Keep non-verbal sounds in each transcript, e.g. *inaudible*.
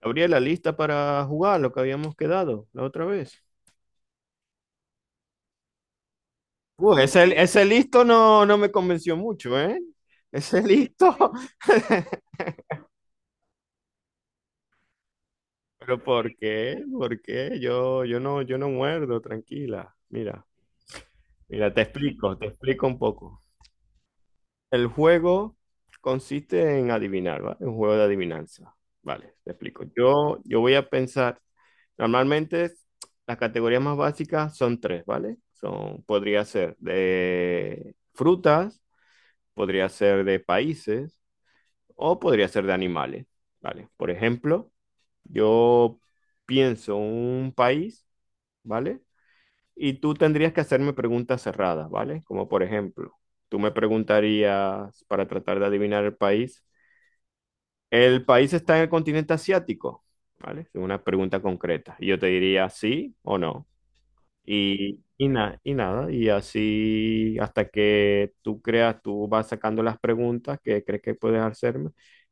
Gabriela, ¿lista para jugar lo que habíamos quedado la otra vez? Ese listo no me convenció mucho, ¿eh? Ese listo. *laughs* ¿Pero por qué? ¿Por qué? Yo no muerdo, tranquila. Mira, te explico un poco. El juego consiste en adivinar, ¿vale? Un juego de adivinanza. Vale, te explico. Yo voy a pensar, normalmente las categorías más básicas son tres, ¿vale? Son, podría ser de frutas, podría ser de países o podría ser de animales, ¿vale? Por ejemplo, yo pienso un país, ¿vale? Y tú tendrías que hacerme preguntas cerradas, ¿vale? Como por ejemplo, tú me preguntarías para tratar de adivinar ¿el país está en el continente asiático? ¿Vale? Es una pregunta concreta. Y yo te diría sí o no. Y nada, y así hasta que tú creas, tú vas sacando las preguntas que crees que puedes hacerme,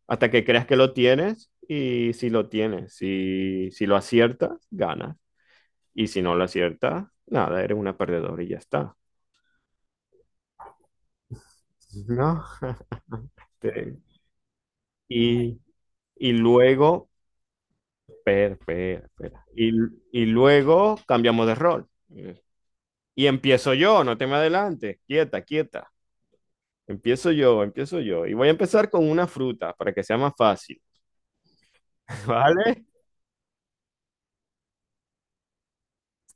hasta que creas que lo tienes y si lo tienes, si lo aciertas, ganas. Y si no lo aciertas, nada, eres una perdedora y ya está. ¿No? *laughs* Este, y, y luego, espera. Y luego cambiamos de rol. Y empiezo yo, no te me adelantes, quieta, quieta. Empiezo yo, empiezo yo. Y voy a empezar con una fruta para que sea más fácil, *laughs* ¿vale?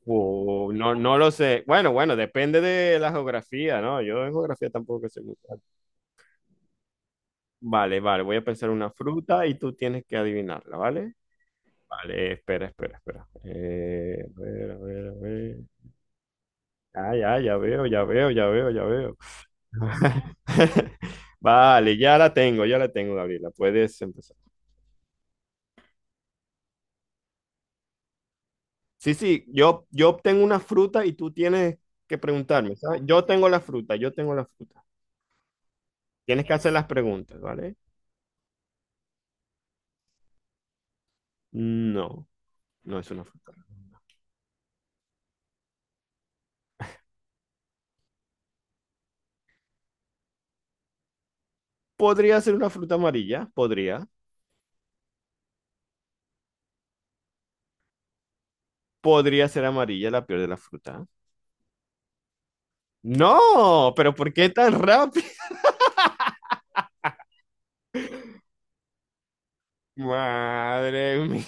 O no, no lo sé. Bueno, bueno, depende de la geografía, ¿no? Yo en geografía tampoco sé mucho. Vale, vale, voy a pensar una fruta y tú tienes que adivinarla, ¿vale? Vale, espera. A ver, a ver, a ver. Ah, ya, ya veo, ya veo, ya veo, ya veo. *laughs* Vale, ya la tengo, Gabriela. Puedes empezar. Sí, sí, yo obtengo una fruta y tú tienes que preguntarme, ¿sabes? Yo tengo la fruta, yo tengo la fruta. Tienes que hacer las preguntas, ¿vale? No, no es una fruta. ¿Podría ser una fruta amarilla? Podría. ¿Podría ser amarilla la peor de la fruta? No, pero ¿por qué tan rápido? *laughs* Madre mía.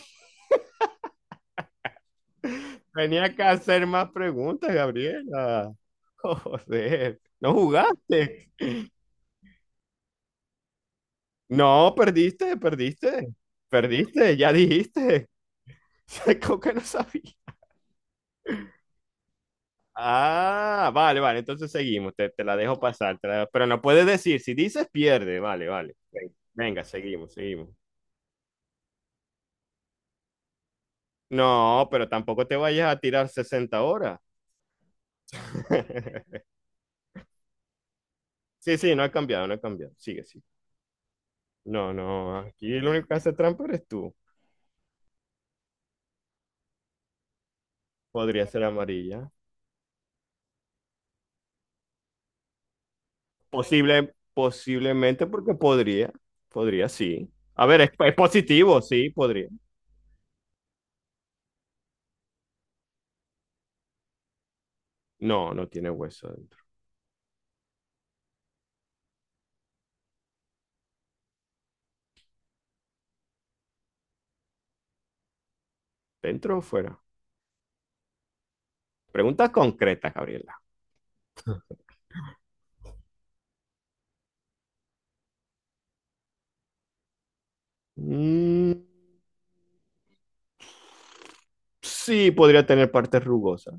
Tenía que hacer más preguntas, Gabriela. *laughs* Joder, no jugaste. No, perdiste, perdiste. Perdiste, ya dijiste. *laughs* Como que no sabía. Ah, vale, vale, entonces seguimos, te la dejo pasar, te la- pero no puedes decir, si dices pierde, vale, vale. Ven- Venga, seguimos, seguimos. No, pero tampoco te vayas a tirar 60 horas. *laughs* Sí, sí, no ha cambiado, no ha cambiado. Sigue, sigue. No, no, aquí el único que hace trampa eres tú. Podría ser amarilla. Posible, posiblemente porque podría, sí. A ver, es positivo, sí, podría. No, no tiene hueso dentro. ¿Dentro o fuera? Preguntas concretas, Gabriela. Mm, sí, podría tener partes rugosas.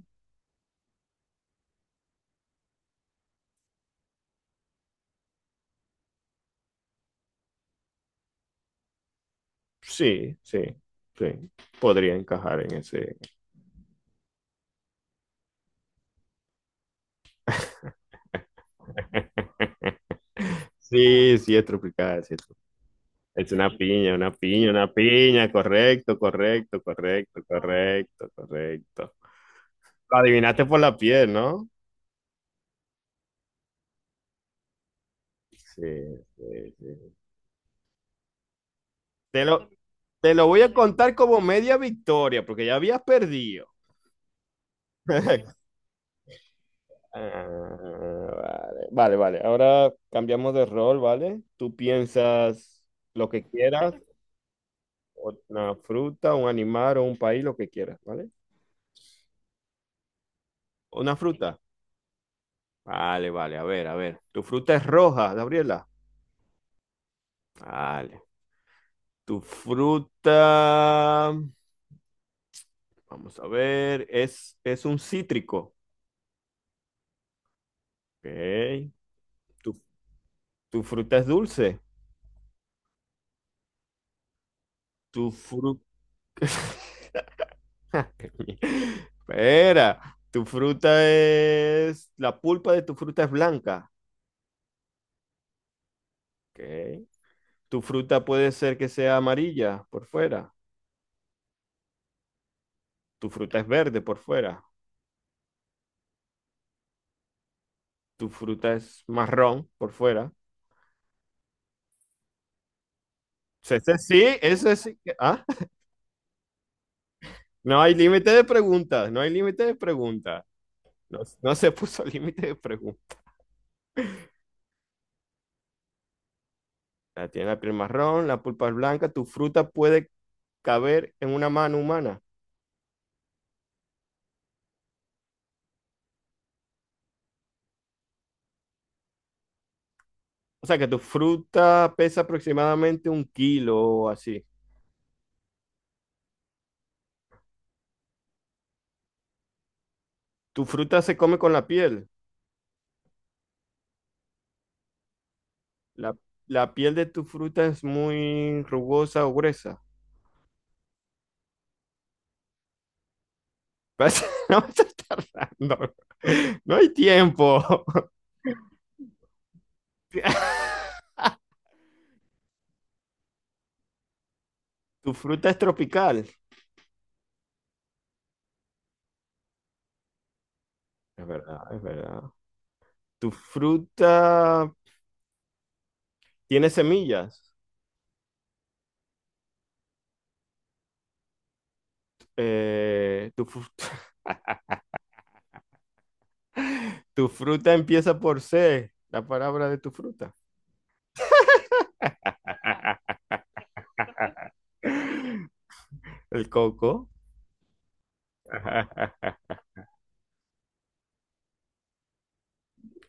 Sí, sí, sí. Podría encajar en ese. *laughs* Sí, sí, es tropical, sí es tropical. Es una piña, una piña, una piña. Correcto, correcto, correcto, correcto, correcto. Lo adivinaste por la piel, ¿no? Sí, sí, sí. Te lo, te lo voy a contar como media victoria, porque ya habías perdido. *laughs* Ah, vale, vale, vale. Ahora cambiamos de rol, ¿vale? Tú piensas lo que quieras, una fruta, un animal o un país, lo que quieras, ¿vale? Una fruta. Vale, vale, a ver, a ver. Tu fruta es roja, Gabriela. Vale. Tu fruta, vamos a ver, es un cítrico. Ok. Tu, tu fruta es dulce. Tu fruta... *laughs* *laughs* Espera, la pulpa de tu fruta es blanca. Ok. Tu fruta puede ser que sea amarilla por fuera. Tu fruta es verde por fuera. Tu fruta es marrón por fuera. Ese sí, ese sí. que- ¿Ah? No hay límite de preguntas, no hay límite de preguntas. No, no se *laughs* puso límite de preguntas. La tiene la piel marrón, la pulpa es blanca. Tu fruta puede caber en una mano humana. O sea, que tu fruta pesa aproximadamente un kilo o así. Tu fruta se come con la piel. La, la piel de tu fruta es muy rugosa o gruesa. Vas- *laughs* No vas a estar tardando. No hay tiempo. *laughs* Tu fruta es tropical. Es verdad, es verdad. Tu fruta tiene semillas. Tu fru- *laughs* tu fruta empieza por C, la palabra de tu fruta. *laughs* El coco. *laughs*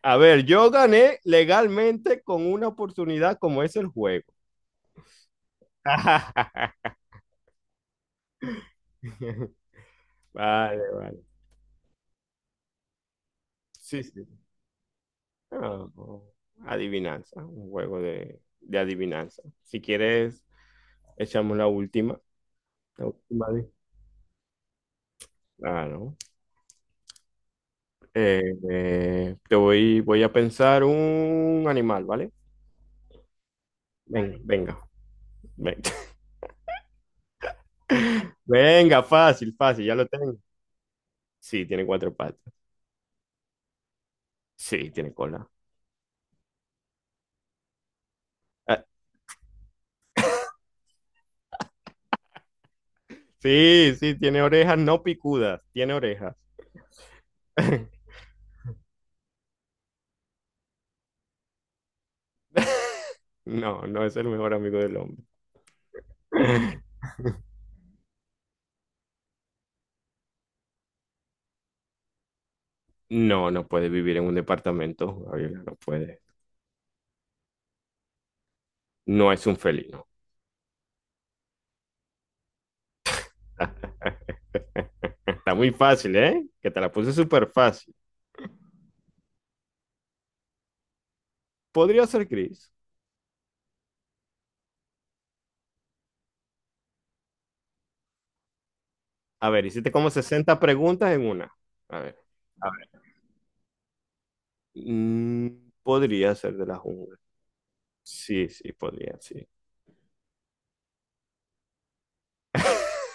A ver, yo gané legalmente con una oportunidad como es el juego. *laughs* Vale, vale. Sí, sí. Ah, oh, adivinanza, un juego de adivinanza. Si quieres, echamos la última. La última de- Claro. Eh, voy a pensar un animal, ¿vale? Venga, venga, venga. *laughs* Venga, fácil, fácil, ya lo tengo. Sí, tiene cuatro patas. Sí, tiene cola. Ah, sí, sí, tiene orejas no picudas, tiene orejas. *laughs* No, no es el mejor amigo del hombre. *laughs* No, no puede vivir en un departamento, Gabriela, no puede. No es un felino. *laughs* Está muy fácil, ¿eh? Que te la puse súper fácil. Podría ser gris. A ver, hiciste como sesenta preguntas en una. A ver, a ver. Podría ser de la jungla. Sí, sí, podría, sí. *laughs*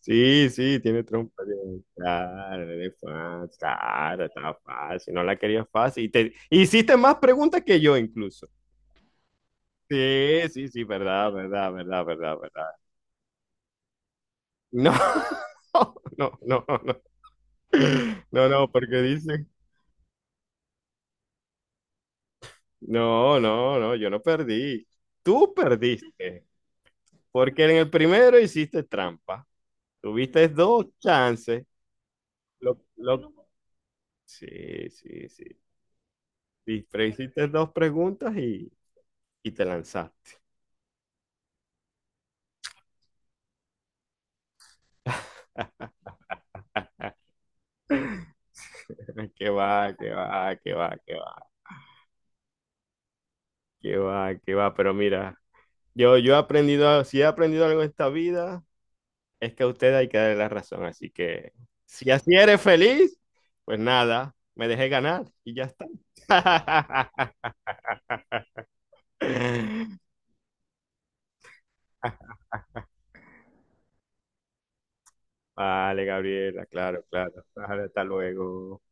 Sí, sí, tiene trompa. Tiene- Claro, eres fan, claro, está fácil, no la querías fácil. Y te hiciste más preguntas que yo incluso. Sí, sí, sí, verdad, verdad, verdad, verdad, verdad. No, *laughs* no, no, no. No, no, porque dice, no, no, no, yo no perdí. Tú perdiste, porque en el primero hiciste trampa. Tuviste dos chances. Lo- Sí, sí, sí. Y pero hiciste dos preguntas y te lanzaste. *laughs* ¡Qué va, qué va, qué va, qué va, qué va, qué va! Pero mira, yo he aprendido, si he aprendido algo en esta vida, es que a usted hay que darle la razón. Así que si así eres feliz, pues nada, me dejé ganar y ya está. *laughs* Vale, Gabriela, claro, claro. Vale, hasta luego.